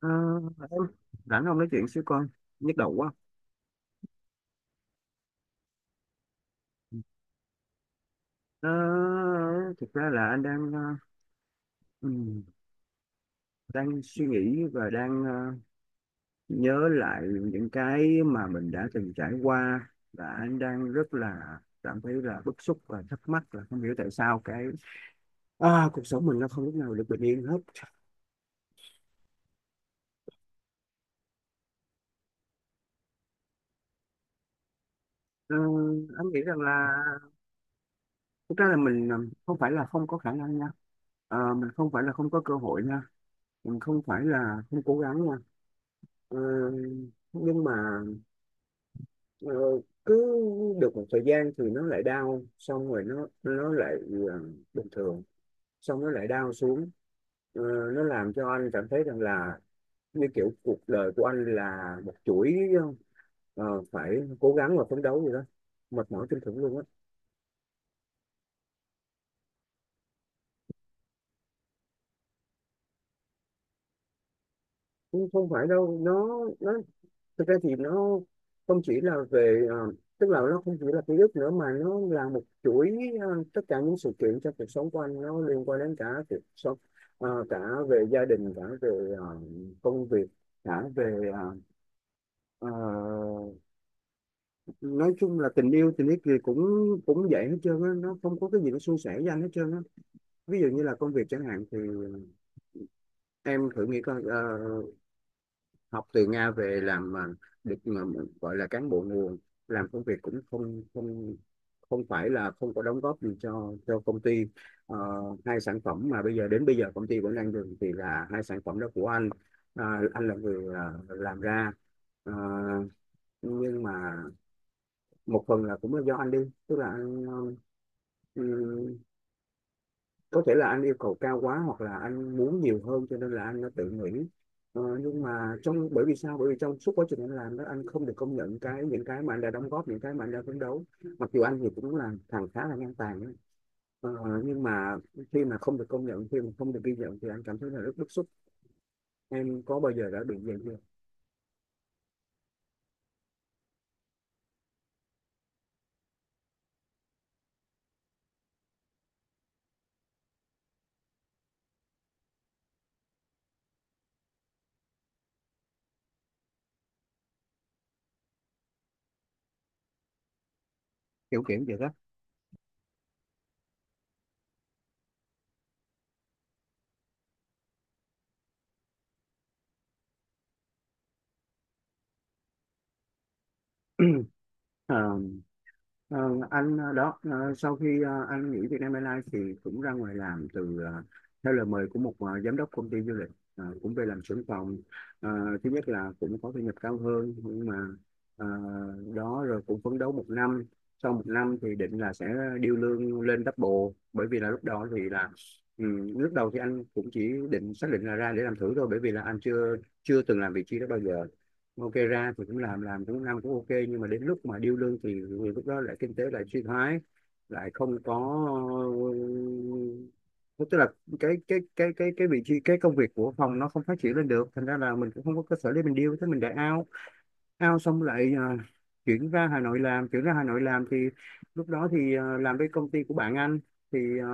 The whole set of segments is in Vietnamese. Ờ, em rảnh không, nói chuyện xíu con, nhức đầu quá. Ờ, Thực ra là anh đang ừm, đang suy nghĩ và đang nhớ lại những cái mà mình đã từng trải qua, và anh đang rất là cảm thấy là bức xúc và thắc mắc là không hiểu tại sao cái cuộc sống mình nó không lúc nào được bình yên hết. Ờ, anh nghĩ rằng là thực ra là mình không phải là không có khả năng nha. Mình không phải là không có cơ hội nha, mình không phải là không cố gắng nha. Ờ, nhưng mà ờ, cứ được một thời gian thì nó lại đau, xong rồi nó lại ờ, bình thường, xong nó lại đau xuống. Ờ, nó làm cho anh cảm thấy rằng là như kiểu cuộc đời của anh là một chuỗi ờ, phải cố gắng và phấn đấu gì đó, mệt mỏi tinh thần luôn á. Không, không phải đâu, nó thực ra thì nó không chỉ là về tức là nó không chỉ là ký ức nữa, mà nó là một chuỗi tất cả những sự kiện trong cuộc sống của anh, nó liên quan đến cả cuộc sống, cả về gia đình, cả về công việc, cả về ờ, nói chung là tình yêu, tình yêu thì cũng cũng vậy hết trơn á, nó không có cái gì nó suôn sẻ với anh hết trơn á. Ví dụ như là công việc chẳng hạn thì em thử nghĩ coi, học từ Nga về làm được mà gọi là cán bộ nguồn, làm công việc cũng không không không phải là không có đóng góp gì cho công ty. Ờ, Hai sản phẩm mà bây giờ đến bây giờ công ty vẫn đang dùng thì là hai sản phẩm đó của anh. Anh là người làm ra. Ờ, nhưng mà một phần là cũng là do anh đi, tức là anh ừ, có thể là anh yêu cầu cao quá hoặc là anh muốn nhiều hơn cho nên là anh đã tự nghĩ. Nhưng mà trong bởi vì sao bởi vì trong suốt quá trình anh làm đó, anh không được công nhận những cái mà anh đã đóng góp, những cái mà anh đã phấn đấu, mặc dù anh thì cũng là thằng khá là ngang tàn ấy. Ờ, nhưng mà khi mà không được công nhận, khi mà không được ghi nhận thì anh cảm thấy là rất bức xúc. Em có bao giờ đã bị vậy chưa? Kiểu kiểu vậy đó. Ờ, ờ, anh sau khi anh nghỉ Vietnam Airlines thì cũng ra ngoài làm từ theo lời mời của một giám đốc công ty du lịch. Cũng về làm trưởng phòng. Ờ, Thứ nhất là cũng có thu nhập cao hơn, nhưng mà ờ, đó rồi cũng phấn đấu một năm, sau một năm thì định là sẽ điêu lương lên double, bởi vì là lúc đó thì là ừ, lúc đầu thì anh cũng chỉ xác định là ra để làm thử thôi, bởi vì là anh chưa chưa từng làm vị trí đó bao giờ. Ok, ra thì cũng làm cũng năm cũng ok, nhưng mà đến lúc mà điêu lương thì lúc đó lại kinh tế lại suy thoái, lại không có, tức là cái vị trí, cái công việc của phòng nó không phát triển lên được, thành ra là mình cũng không có cơ sở để mình điêu, thế mình đại ao. Ao xong lại chuyển ra Hà Nội làm, thì lúc đó thì làm với công ty của bạn anh, thì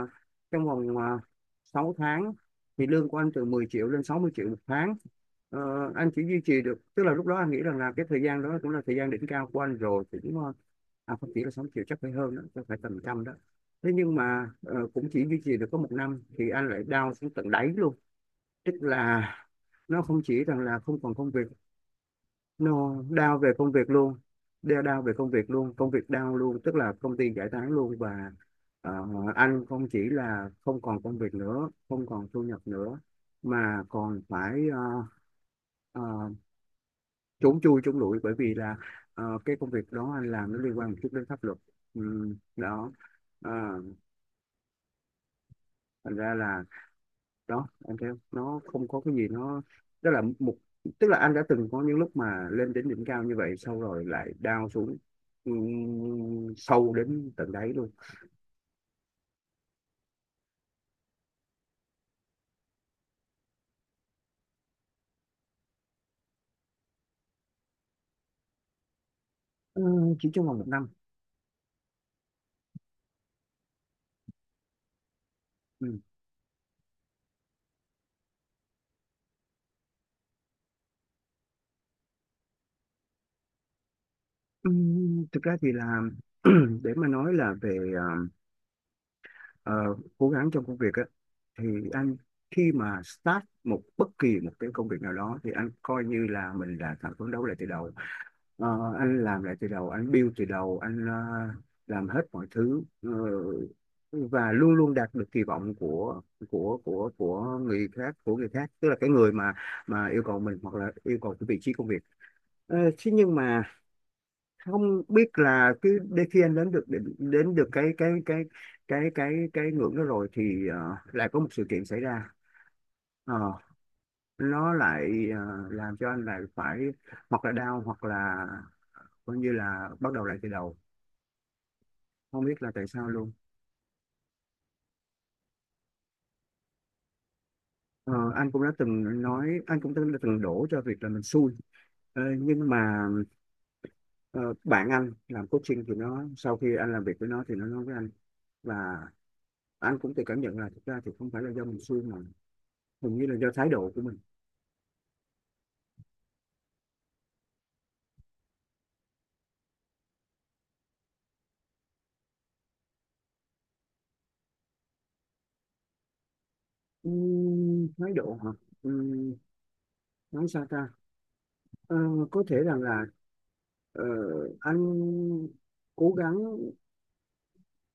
trong vòng 6 tháng thì lương của anh từ 10 triệu lên 60 triệu một tháng. Ờ, anh chỉ duy trì được, tức là lúc đó anh nghĩ rằng là cái thời gian đó cũng là thời gian đỉnh cao của anh rồi thì cũng à, không chỉ là 6 triệu, chắc phải hơn đó, chắc phải tầm trăm đó. Thế nhưng mà cũng chỉ duy trì được có một năm thì anh lại down xuống tận đáy luôn, tức là nó không chỉ rằng là không còn công việc, nó đau về công việc luôn. Đau về công việc luôn, công việc đau luôn, tức là công ty giải tán luôn, và ờ, anh không chỉ là không còn công việc nữa, không còn thu nhập nữa, mà còn phải ờ, trốn chui trốn lủi, bởi vì là cái công việc đó anh làm nó liên quan một chút đến pháp luật. Đó. Ờ, Thành ra là, đó em thấy không? Nó không có cái gì nó, tức là một tức là anh đã từng có những lúc mà lên đến đỉnh cao như vậy, sau rồi lại down xuống sâu đến tận đáy luôn. Ừ, chỉ trong vòng một năm. Ừ. Thực ra thì là để mà nói là về ờ, cố gắng trong công việc á, thì anh khi mà start một bất kỳ một cái công việc nào đó thì anh coi như là mình là thằng phấn đấu lại từ đầu. Ờ, anh làm lại từ đầu, anh build từ đầu, anh làm hết mọi thứ, và luôn luôn đạt được kỳ vọng của người khác, tức là cái người mà yêu cầu mình hoặc là yêu cầu cái vị trí công việc. Thế nhưng mà không biết là cứ đến khi anh đến được cái ngưỡng đó rồi thì lại có một sự kiện xảy ra. Ờ, nó lại làm cho anh lại phải hoặc là đau, hoặc là coi như là bắt đầu lại từ đầu, không biết là tại sao luôn. Ờ, anh cũng đã từng nói, anh cũng từng đổ cho việc là mình xui. Nhưng mà ờ, bạn anh làm coaching, thì nó sau khi anh làm việc với nó thì nó nói với anh, và anh cũng tự cảm nhận là thực ra thì không phải là do mình xui, mà hình như là do thái độ của mình. Thái độ hả? Ừm, nói sao ta. Ờ, có thể rằng là ờ, anh cố gắng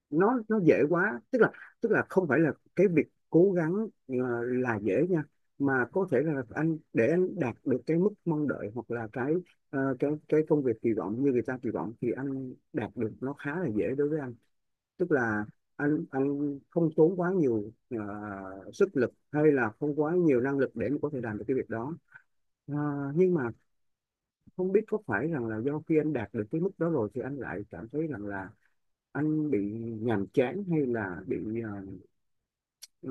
nó dễ quá, tức là không phải là cái việc cố gắng là dễ nha, mà có thể là anh để anh đạt được cái mức mong đợi, hoặc là cái cái công việc kỳ vọng như người ta kỳ vọng thì anh đạt được nó khá là dễ đối với anh, tức là anh không tốn quá nhiều sức lực hay là không quá nhiều năng lực để mà có thể làm được cái việc đó. Ờ, nhưng mà không biết có phải rằng là do khi anh đạt được cái mức đó rồi thì anh lại cảm thấy rằng là anh bị nhàm chán, hay là bị ờ, ờ,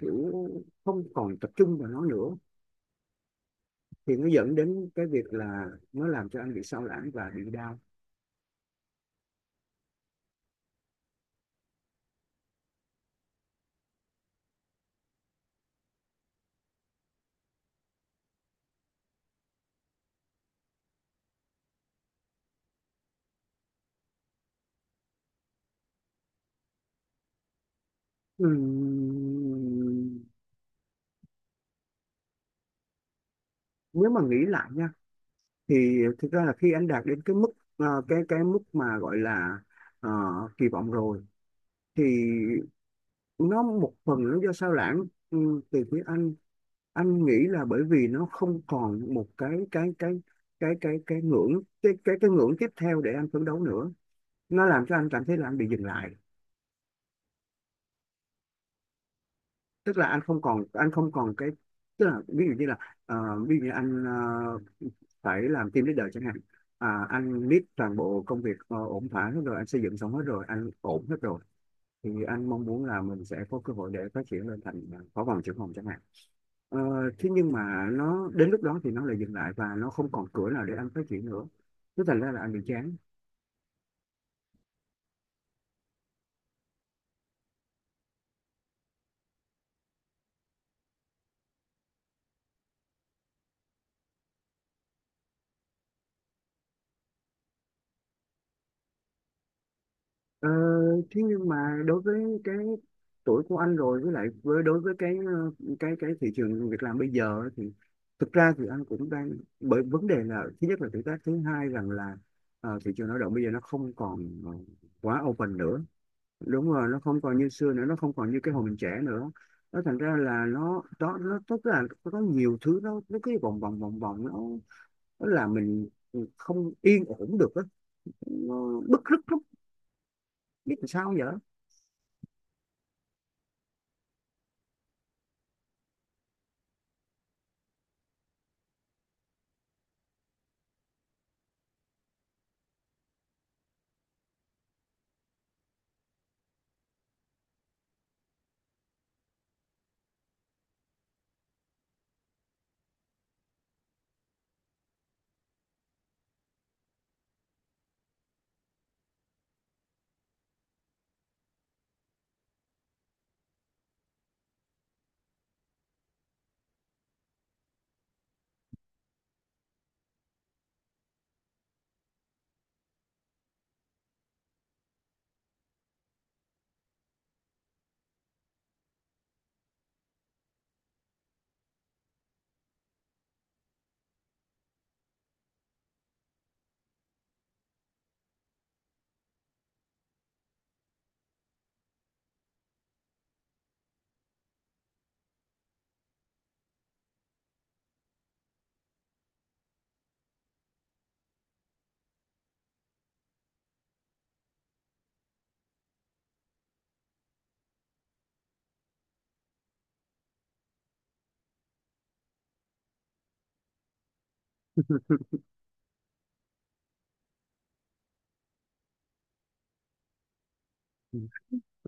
kiểu không còn tập trung vào nó nữa, thì nó dẫn đến cái việc là nó làm cho anh bị sao lãng và bị đau. Ừm, Nếu mà nghĩ lại nha, thì thực ra là khi anh đạt đến cái mức cái mức mà gọi là ờ, kỳ vọng rồi, thì nó một phần nó do sao lãng từ phía anh. Anh nghĩ là bởi vì nó không còn một cái ngưỡng tiếp theo để anh phấn đấu nữa, nó làm cho anh cảm thấy là anh bị dừng lại, tức là anh không còn cái tức là ví dụ như là ờ, ví dụ như anh phải làm team leader chẳng hạn, anh biết toàn bộ công việc ổn thỏa hết rồi, anh xây dựng xong hết rồi, anh ổn hết rồi, thì anh mong muốn là mình sẽ có cơ hội để phát triển lên thành phó phòng, trưởng phòng chẳng hạn. Ờ, Thế nhưng mà nó đến lúc đó thì nó lại dừng lại, và nó không còn cửa nào để anh phát triển nữa, thế thành ra là anh bị chán. Ờ, Thế nhưng mà đối với cái tuổi của anh rồi, với lại đối với cái cái thị trường việc làm bây giờ ấy, thì thực ra thì anh cũng đang, bởi vấn đề là thứ nhất là tuổi tác, thứ hai rằng là thị trường lao động bây giờ nó không còn quá open nữa. Đúng rồi, nó không còn như xưa nữa, nó không còn như cái hồi mình trẻ nữa, nó thành ra là nó đó, nó tức là nó có nhiều thứ nó cứ vòng vòng vòng vòng, nó làm mình không yên ổn được á, nó bứt rứt lắm, biết làm sao giờ.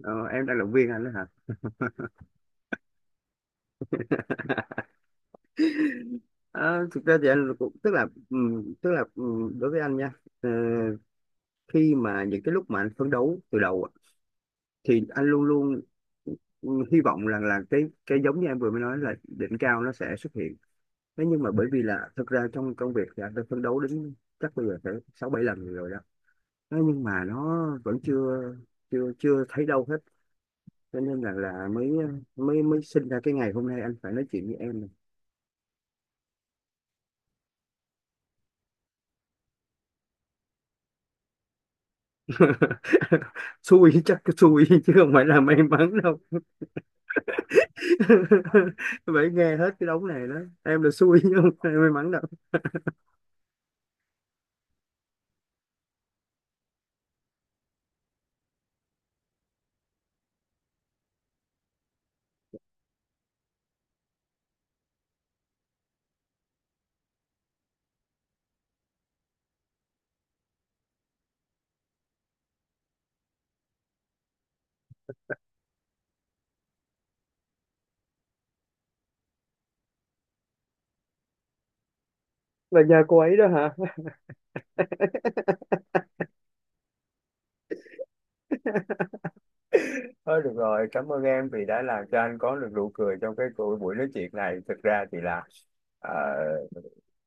Ờ, em đang động viên anh đó hả? Ờ, Thực ra thì anh cũng tức là đối với anh nha, ờ, khi mà những cái lúc mà anh phấn đấu từ đầu á, thì anh luôn luôn hy vọng rằng là cái giống như em vừa mới nói là đỉnh cao nó sẽ xuất hiện. Thế nhưng mà bởi vì là thực ra trong công việc thì anh đã phấn đấu đến chắc bây giờ phải 6 7 lần rồi đó, thế nhưng mà nó vẫn chưa chưa chưa thấy đâu hết, cho nên là mới mới mới sinh ra cái ngày hôm nay anh phải nói chuyện với em. Xui, chắc cái xui chứ không phải là may mắn đâu. Phải nghe hết cái đống này đó, em là xui chứ không phải may mắn đâu. Là nhà cô ấy đó hả? Thôi được rồi, cảm ơn em vì đã làm cho anh có được nụ cười trong cái cuộc buổi nói chuyện này. Thực ra thì là ờ,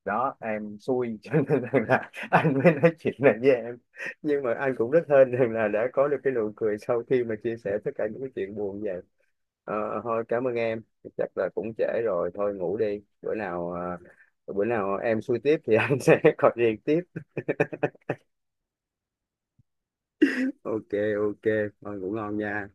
đó em xui cho nên rằng là anh mới nói chuyện này với em, nhưng mà anh cũng rất hên rằng là đã có được cái nụ cười sau khi mà chia sẻ tất cả những cái chuyện buồn như vậy. Ờ, Thôi cảm ơn em, chắc là cũng trễ rồi, thôi ngủ đi. Bữa nào bữa nào em xui tiếp thì anh sẽ gọi điện tiếp. Ok, ok, thôi ngủ ngon nha.